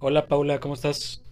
Hola Paula, ¿cómo estás?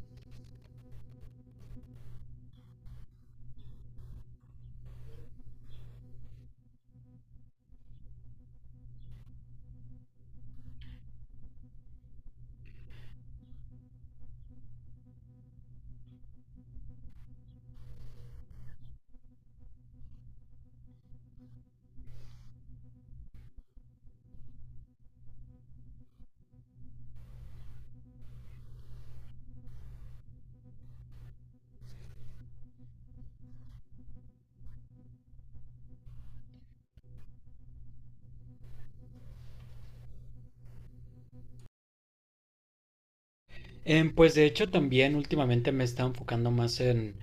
Pues de hecho también últimamente me he estado enfocando más en,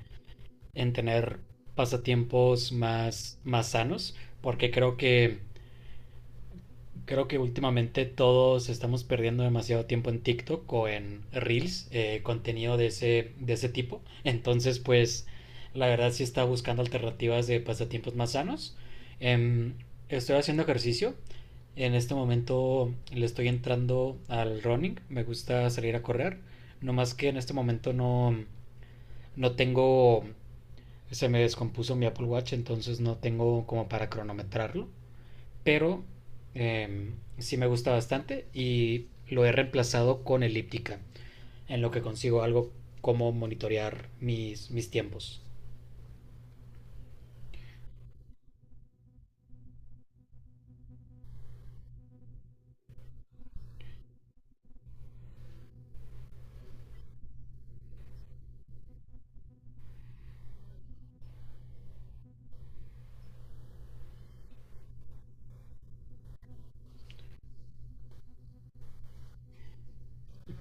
en tener pasatiempos más sanos, porque creo que últimamente todos estamos perdiendo demasiado tiempo en TikTok o en Reels, contenido de ese tipo. Entonces, pues, la verdad sí estaba buscando alternativas de pasatiempos más sanos. Em, estoy haciendo ejercicio. En este momento le estoy entrando al running. Me gusta salir a correr. No más que en este momento no, no tengo. Se me descompuso mi Apple Watch, entonces no tengo como para cronometrarlo, pero sí me gusta bastante y lo he reemplazado con elíptica, en lo que consigo algo como monitorear mis tiempos.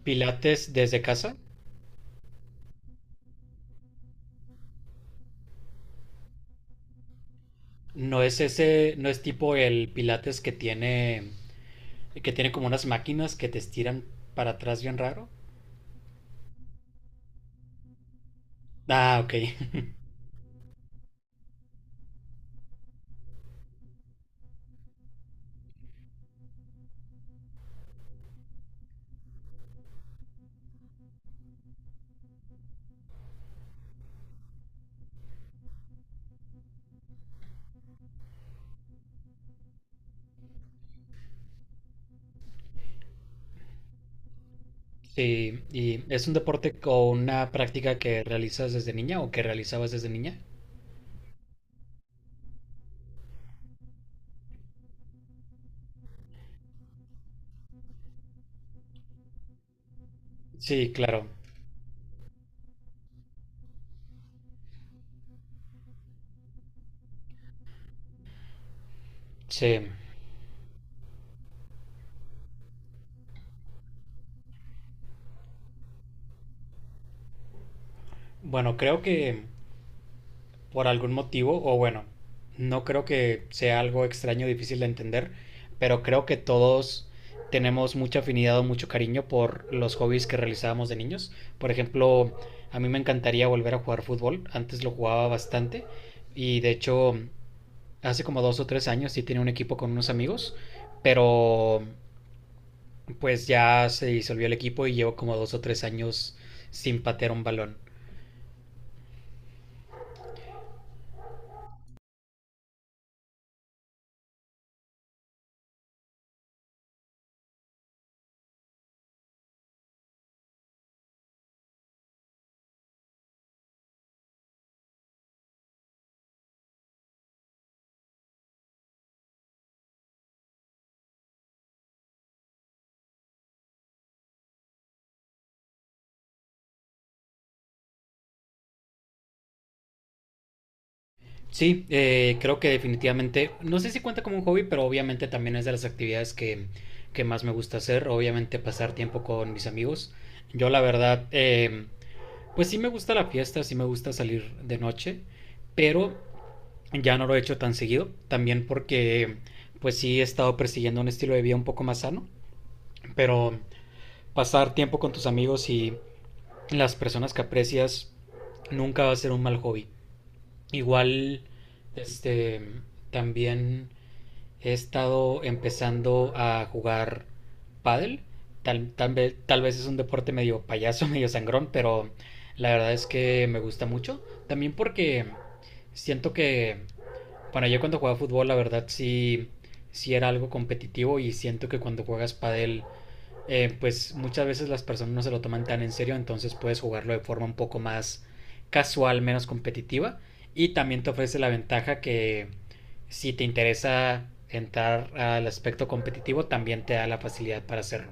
Pilates desde casa, no es ese, no es tipo el pilates que tiene como unas máquinas que te estiran para atrás bien raro. Ah, ok. Sí, y es un deporte o una práctica que realizas desde niña o que realizabas desde niña. Sí, claro. Sí. Bueno, creo que por algún motivo, o bueno, no creo que sea algo extraño, difícil de entender, pero creo que todos tenemos mucha afinidad o mucho cariño por los hobbies que realizábamos de niños. Por ejemplo, a mí me encantaría volver a jugar fútbol, antes lo jugaba bastante y de hecho hace como dos o tres años sí tenía un equipo con unos amigos, pero pues ya se disolvió el equipo y llevo como dos o tres años sin patear un balón. Sí, creo que definitivamente, no sé si cuenta como un hobby, pero obviamente también es de las actividades que más me gusta hacer, obviamente pasar tiempo con mis amigos. Yo la verdad, pues sí me gusta la fiesta, sí me gusta salir de noche, pero ya no lo he hecho tan seguido, también porque pues sí he estado persiguiendo un estilo de vida un poco más sano, pero pasar tiempo con tus amigos y las personas que aprecias nunca va a ser un mal hobby. Igual, este, también he estado empezando a jugar pádel. Tal vez es un deporte medio payaso, medio sangrón, pero la verdad es que me gusta mucho. También porque siento que, bueno, yo cuando jugaba fútbol, la verdad sí, sí era algo competitivo y siento que cuando juegas pádel pues muchas veces las personas no se lo toman tan en serio, entonces puedes jugarlo de forma un poco más casual, menos competitiva. Y también te ofrece la ventaja que si te interesa entrar al aspecto competitivo, también te da la facilidad para hacerlo.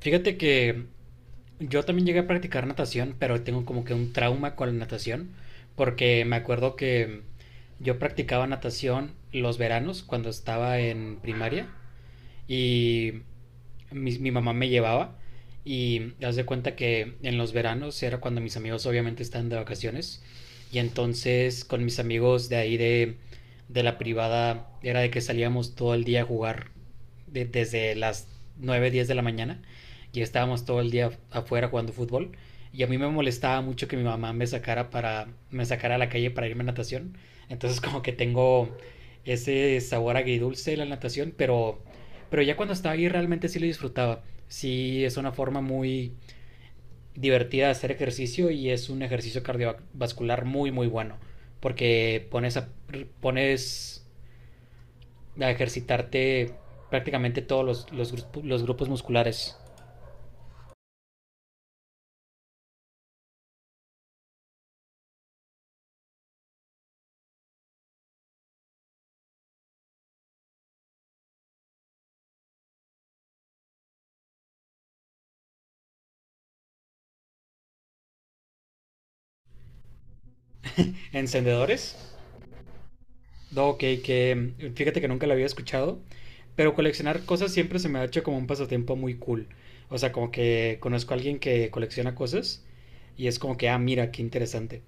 Fíjate que yo también llegué a practicar natación, pero tengo como que un trauma con la natación, porque me acuerdo que yo practicaba natación los veranos cuando estaba en primaria. Y mi mamá me llevaba y haz de cuenta que en los veranos era cuando mis amigos obviamente estaban de vacaciones y entonces con mis amigos de ahí de la privada era de que salíamos todo el día a jugar desde las 9, 10 de la mañana y estábamos todo el día afuera jugando fútbol y a mí me molestaba mucho que mi mamá me sacara a la calle para irme a natación, entonces como que tengo ese sabor agridulce de la natación, pero ya cuando estaba ahí realmente sí lo disfrutaba. Sí, es una forma muy divertida de hacer ejercicio y es un ejercicio cardiovascular muy, muy bueno. Porque pones a, pones a ejercitarte prácticamente todos los grupos musculares. Encendedores. No, ok, que fíjate que nunca lo había escuchado. Pero coleccionar cosas siempre se me ha hecho como un pasatiempo muy cool. O sea, como que conozco a alguien que colecciona cosas y es como que, ah, mira, qué interesante.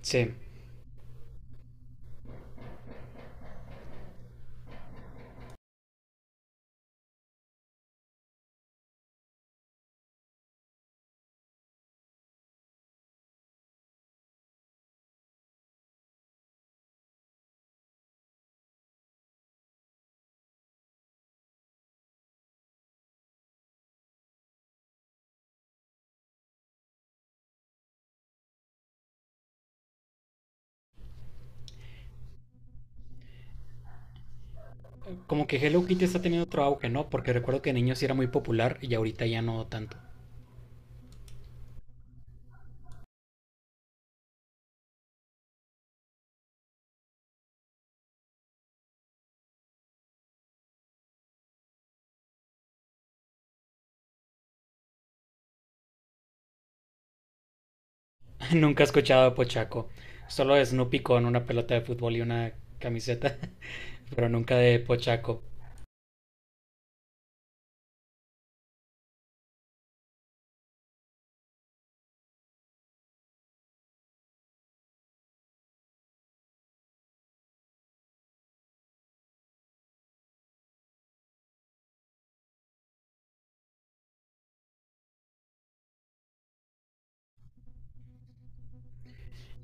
Sí. Como que Hello Kitty está teniendo otro auge, ¿no? Porque recuerdo que de niño sí era muy popular y ahorita ya no tanto. Nunca he escuchado a Pochaco. Solo de Snoopy con una pelota de fútbol y una camiseta, pero nunca de Pochaco.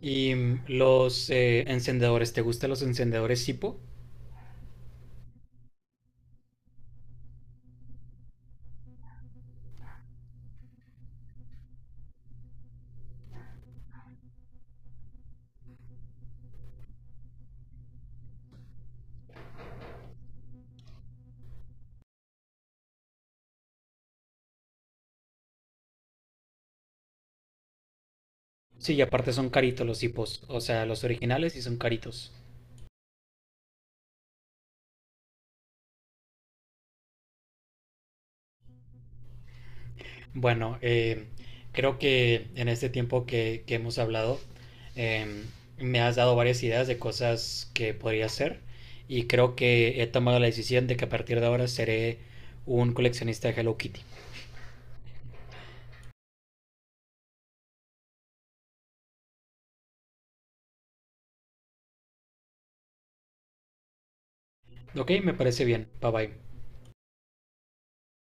¿Y los encendedores? ¿Te gustan los encendedores Zippo? Sí, y aparte son caritos los Zippos. O sea, los originales y son caritos. Bueno, creo que en este tiempo que hemos hablado, em, me has dado varias ideas de cosas que podría hacer y creo que he tomado la decisión de que a partir de ahora seré un coleccionista de Hello Kitty. Ok, me parece bien. Bye bye.